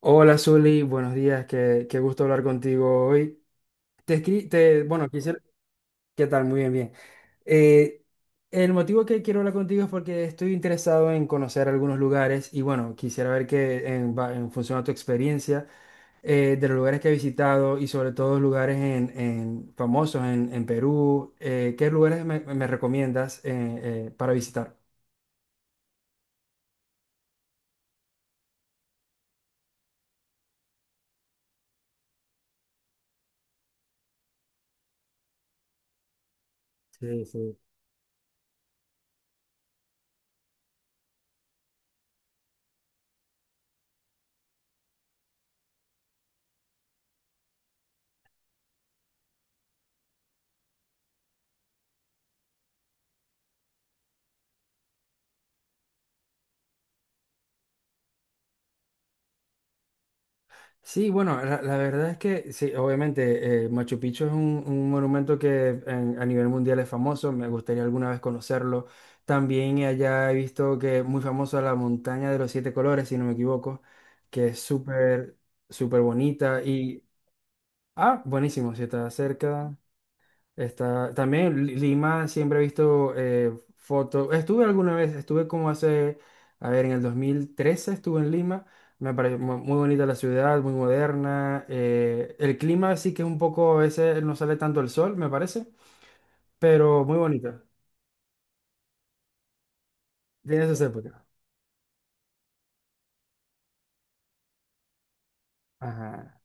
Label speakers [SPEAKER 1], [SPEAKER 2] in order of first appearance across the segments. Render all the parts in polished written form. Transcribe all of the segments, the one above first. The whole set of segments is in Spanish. [SPEAKER 1] Hola Zuli, buenos días, qué gusto hablar contigo hoy. Te escri- te, bueno, quisiera, ¿Qué tal? Muy bien, bien. Eh, el motivo que quiero hablar contigo es porque estoy interesado en conocer algunos lugares y bueno, quisiera ver que en función a tu experiencia, de los lugares que he visitado y sobre todo lugares famosos en Perú, ¿qué lugares me recomiendas para visitar? Sí, sí. Sí, bueno, la verdad es que sí, obviamente Machu Picchu es un monumento que en- a nivel mundial es famoso, me gustaría alguna vez conocerlo. También allá he visto que es muy famosa la montaña de los siete colores, si no me equivoco, que es súper, súper bonita y, ah, buenísimo, si está cerca. Está, también Li- Lima siempre he visto fotos. Estuve alguna vez, estuve como hace, a ver, en el 2013 estuve en Lima. Me pareció mu- muy bonita la ciudad, muy moderna. El clima sí que es un poco, a veces no sale tanto el sol, me parece, pero muy bonita. Tiene sus épocas. Ajá.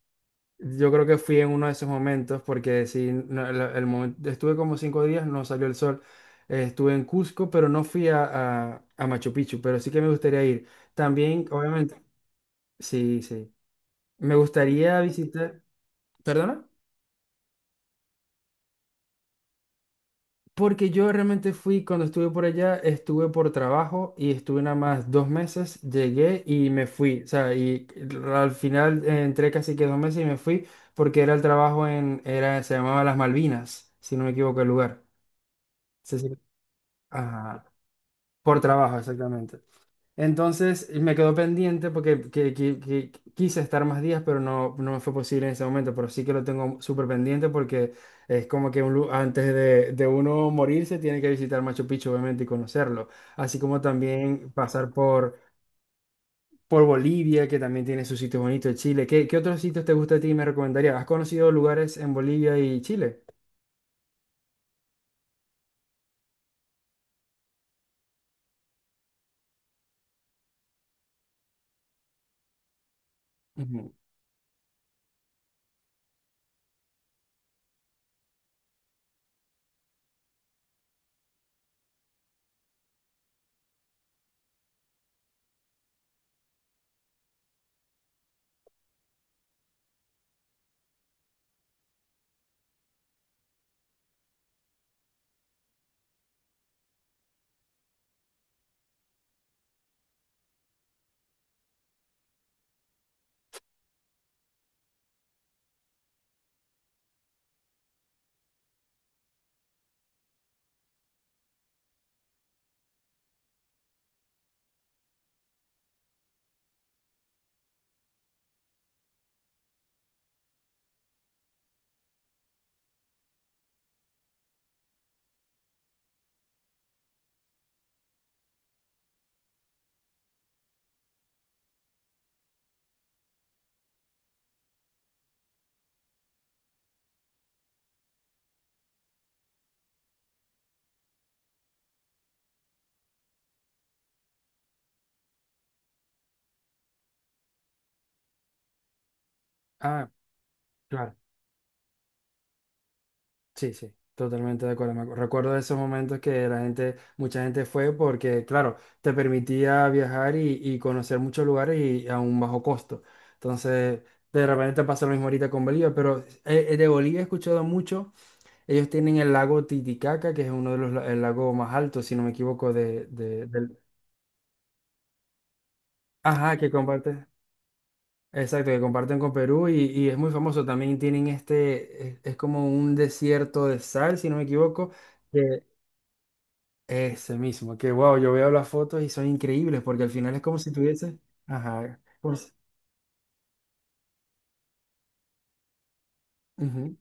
[SPEAKER 1] Yo creo que fui en uno de esos momentos porque sí, no, momento, estuve como 5 días, no salió el sol. Estuve en Cusco, pero no fui a, a Machu Picchu, pero sí que me gustaría ir. También, obviamente, sí, sí. Me gustaría visitar, ¿perdona? Porque yo realmente fui, cuando estuve por allá, estuve por trabajo y estuve nada más 2 meses, llegué y me fui. O sea, y al final entré casi que 2 meses y me fui porque era el trabajo en, era, se llamaba Las Malvinas, si no me equivoco el lugar. Sí, sí. Ajá, por trabajo, exactamente. Entonces me quedó pendiente porque que quise estar más días, pero no, no me fue posible en ese momento. Pero sí que lo tengo súper pendiente porque es como que un lu- antes de uno morirse tiene que visitar Machu Picchu, obviamente, y conocerlo. Así como también pasar por Bolivia, que también tiene sus sitios bonitos, Chile. ¿Qué otros sitios te gusta a ti y me recomendarías? ¿Has conocido lugares en Bolivia y Chile? Ujú. Ah, claro. Sí, sí, totalmente de acuerdo. Me acu- Recuerdo esos momentos que la gente, mucha gente fue porque, claro, te permitía viajar y conocer muchos lugares y a un bajo costo. Entonces, de repente te pasa lo mismo ahorita con Bolivia, pero de Bolivia he escuchado mucho. Ellos tienen el lago Titicaca, que es uno de los el lago más altos, si no me equivoco, de- del... Ajá, que comparte. Exacto, que comparten con Perú y es muy famoso. También tienen este, es como un desierto de sal, si no me equivoco. Ese mismo, que wow, yo veo las fotos y son increíbles porque al final es como si tuviese. Ajá. Como si- ujú,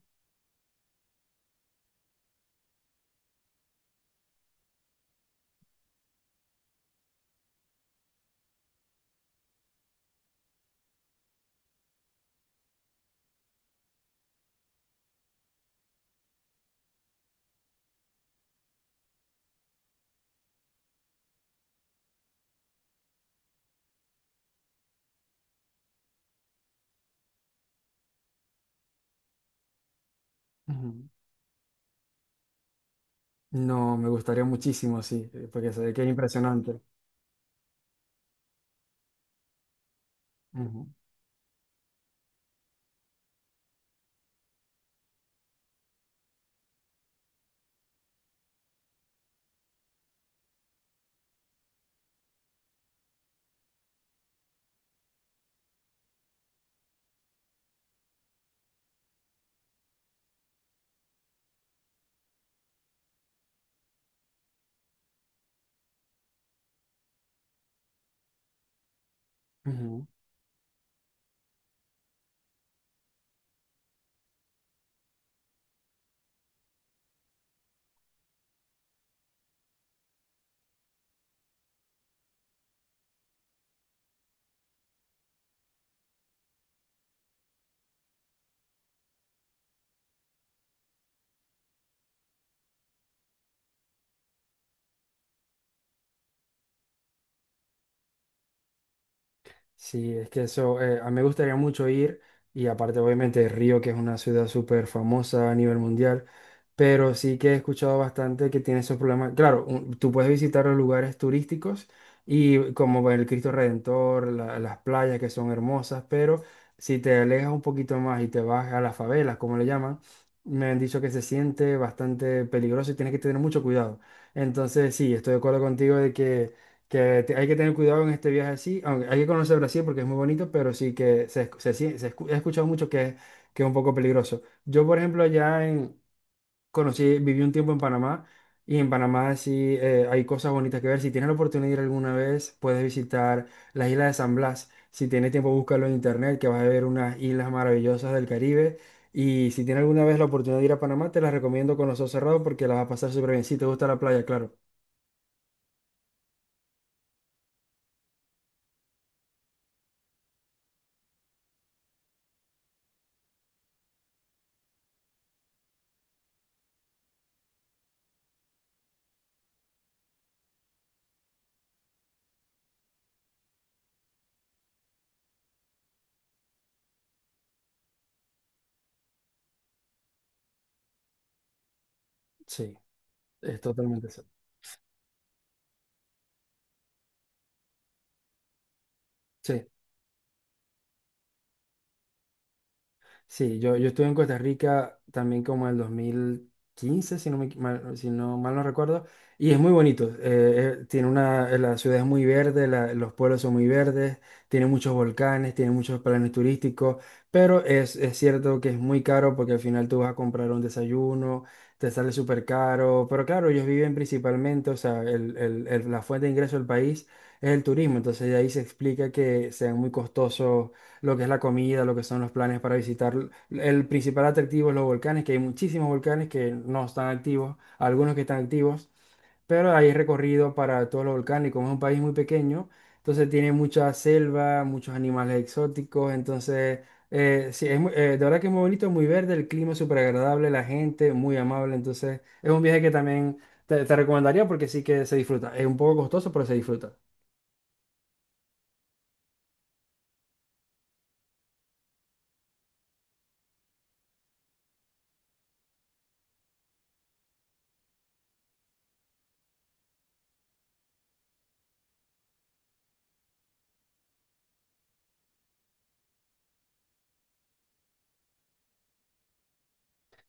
[SPEAKER 1] ujú. No, me gustaría muchísimo, sí, porque se ve que es impresionante. Ujú, ujú. Sí, es que eso, a mí me gustaría mucho ir y aparte obviamente Río, que es una ciudad súper famosa a nivel mundial, pero sí que he escuchado bastante que tiene esos problemas. Claro, un- tú puedes visitar los lugares turísticos y como el Cristo Redentor, la- las playas que son hermosas, pero si te alejas un poquito más y te vas a las favelas, como le llaman, me han dicho que se siente bastante peligroso y tienes que tener mucho cuidado. Entonces, sí, estoy de acuerdo contigo de que te- hay que tener cuidado en este viaje así. Aunque hay que conocer Brasil porque es muy bonito, pero sí que se, escu- se, sien- se escu- he escuchado mucho que es un poco peligroso. Yo, por ejemplo, allá en, conocí, viví un tiempo en Panamá y en Panamá sí hay cosas bonitas que ver. Si tienes la oportunidad de ir alguna vez, puedes visitar las islas de San Blas. Si tienes tiempo, búscalo en internet, que vas a ver unas islas maravillosas del Caribe. Y si tienes alguna vez la oportunidad de ir a Panamá, te las recomiendo con los ojos cerrados porque las vas a pasar súper bien. Si te gusta la playa, claro. Sí, es totalmente eso. Sí. Sí, yo estuve en Costa Rica también como en el 2015, si no, me equi- mal, si no mal no recuerdo, y es muy bonito. Tiene una, la ciudad es muy verde, la- los pueblos son muy verdes, tiene muchos volcanes, tiene muchos planes turísticos, pero es cierto que es muy caro porque al final tú vas a comprar un desayuno, te sale súper caro, pero claro, ellos viven principalmente, o sea, la fuente de ingreso del país es el turismo, entonces de ahí se explica que sean muy costosos lo que es la comida, lo que son los planes para visitar. El principal atractivo es los volcanes, que hay muchísimos volcanes que no están activos, algunos que están activos, pero hay recorrido para todos los volcanes y como es un país muy pequeño, entonces tiene mucha selva, muchos animales exóticos, entonces sí, es muy- de verdad que es muy bonito, muy verde, el clima es súper agradable, la gente muy amable, entonces es un viaje que también te recomendaría porque sí que se disfruta. Es un poco costoso, pero se disfruta.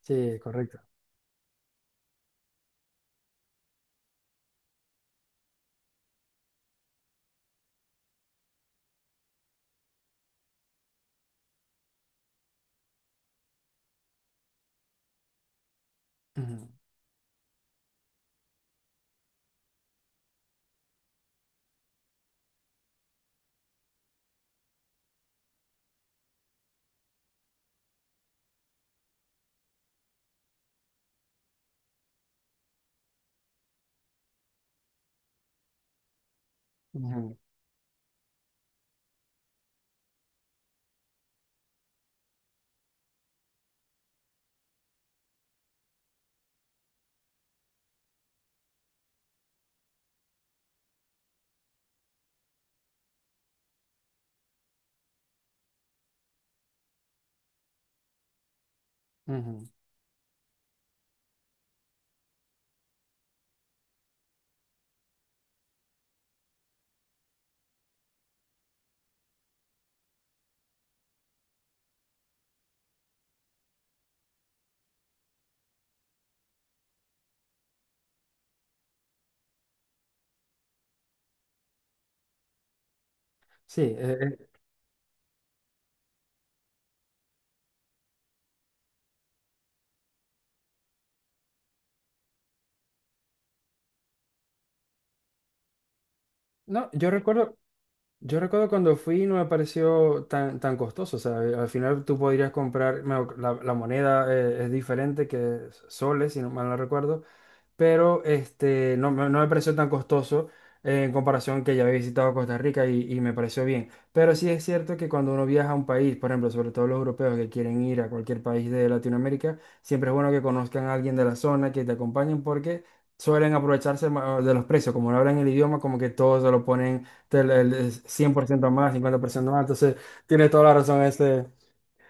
[SPEAKER 1] Sí, correcto. Ujú, ujú, ujú. Sí, no, yo recuerdo cuando fui no me pareció tan costoso. O sea, al final tú podrías comprar, me- la moneda es diferente que soles, si no mal no recuerdo, pero este, no, me no me pareció tan costoso en comparación que ya había visitado Costa Rica y me pareció bien. Pero sí es cierto que cuando uno viaja a un país, por ejemplo, sobre todo los europeos que quieren ir a cualquier país de Latinoamérica, siempre es bueno que conozcan a alguien de la zona, que te acompañen porque... Suelen aprovecharse ma- de los precios, como no hablan el idioma, como que todos se lo ponen del- el 100 por ciento más, 50 por ciento más, entonces tiene toda la razón este,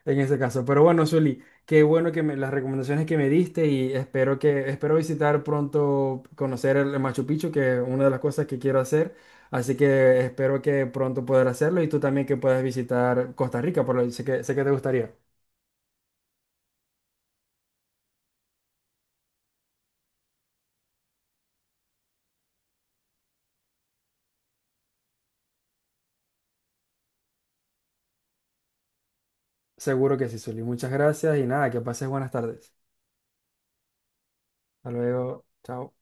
[SPEAKER 1] en ese caso. Pero bueno, Zuli, qué bueno que me, las recomendaciones que me diste y espero que espero visitar pronto, conocer el Machu Picchu, que es una de las cosas que quiero hacer. Así que espero que pronto poder hacerlo y tú también que puedas visitar Costa Rica, por lo sé que te gustaría. Seguro que sí, Zuli. Muchas gracias y nada, que pases buenas tardes. Hasta luego. Chao.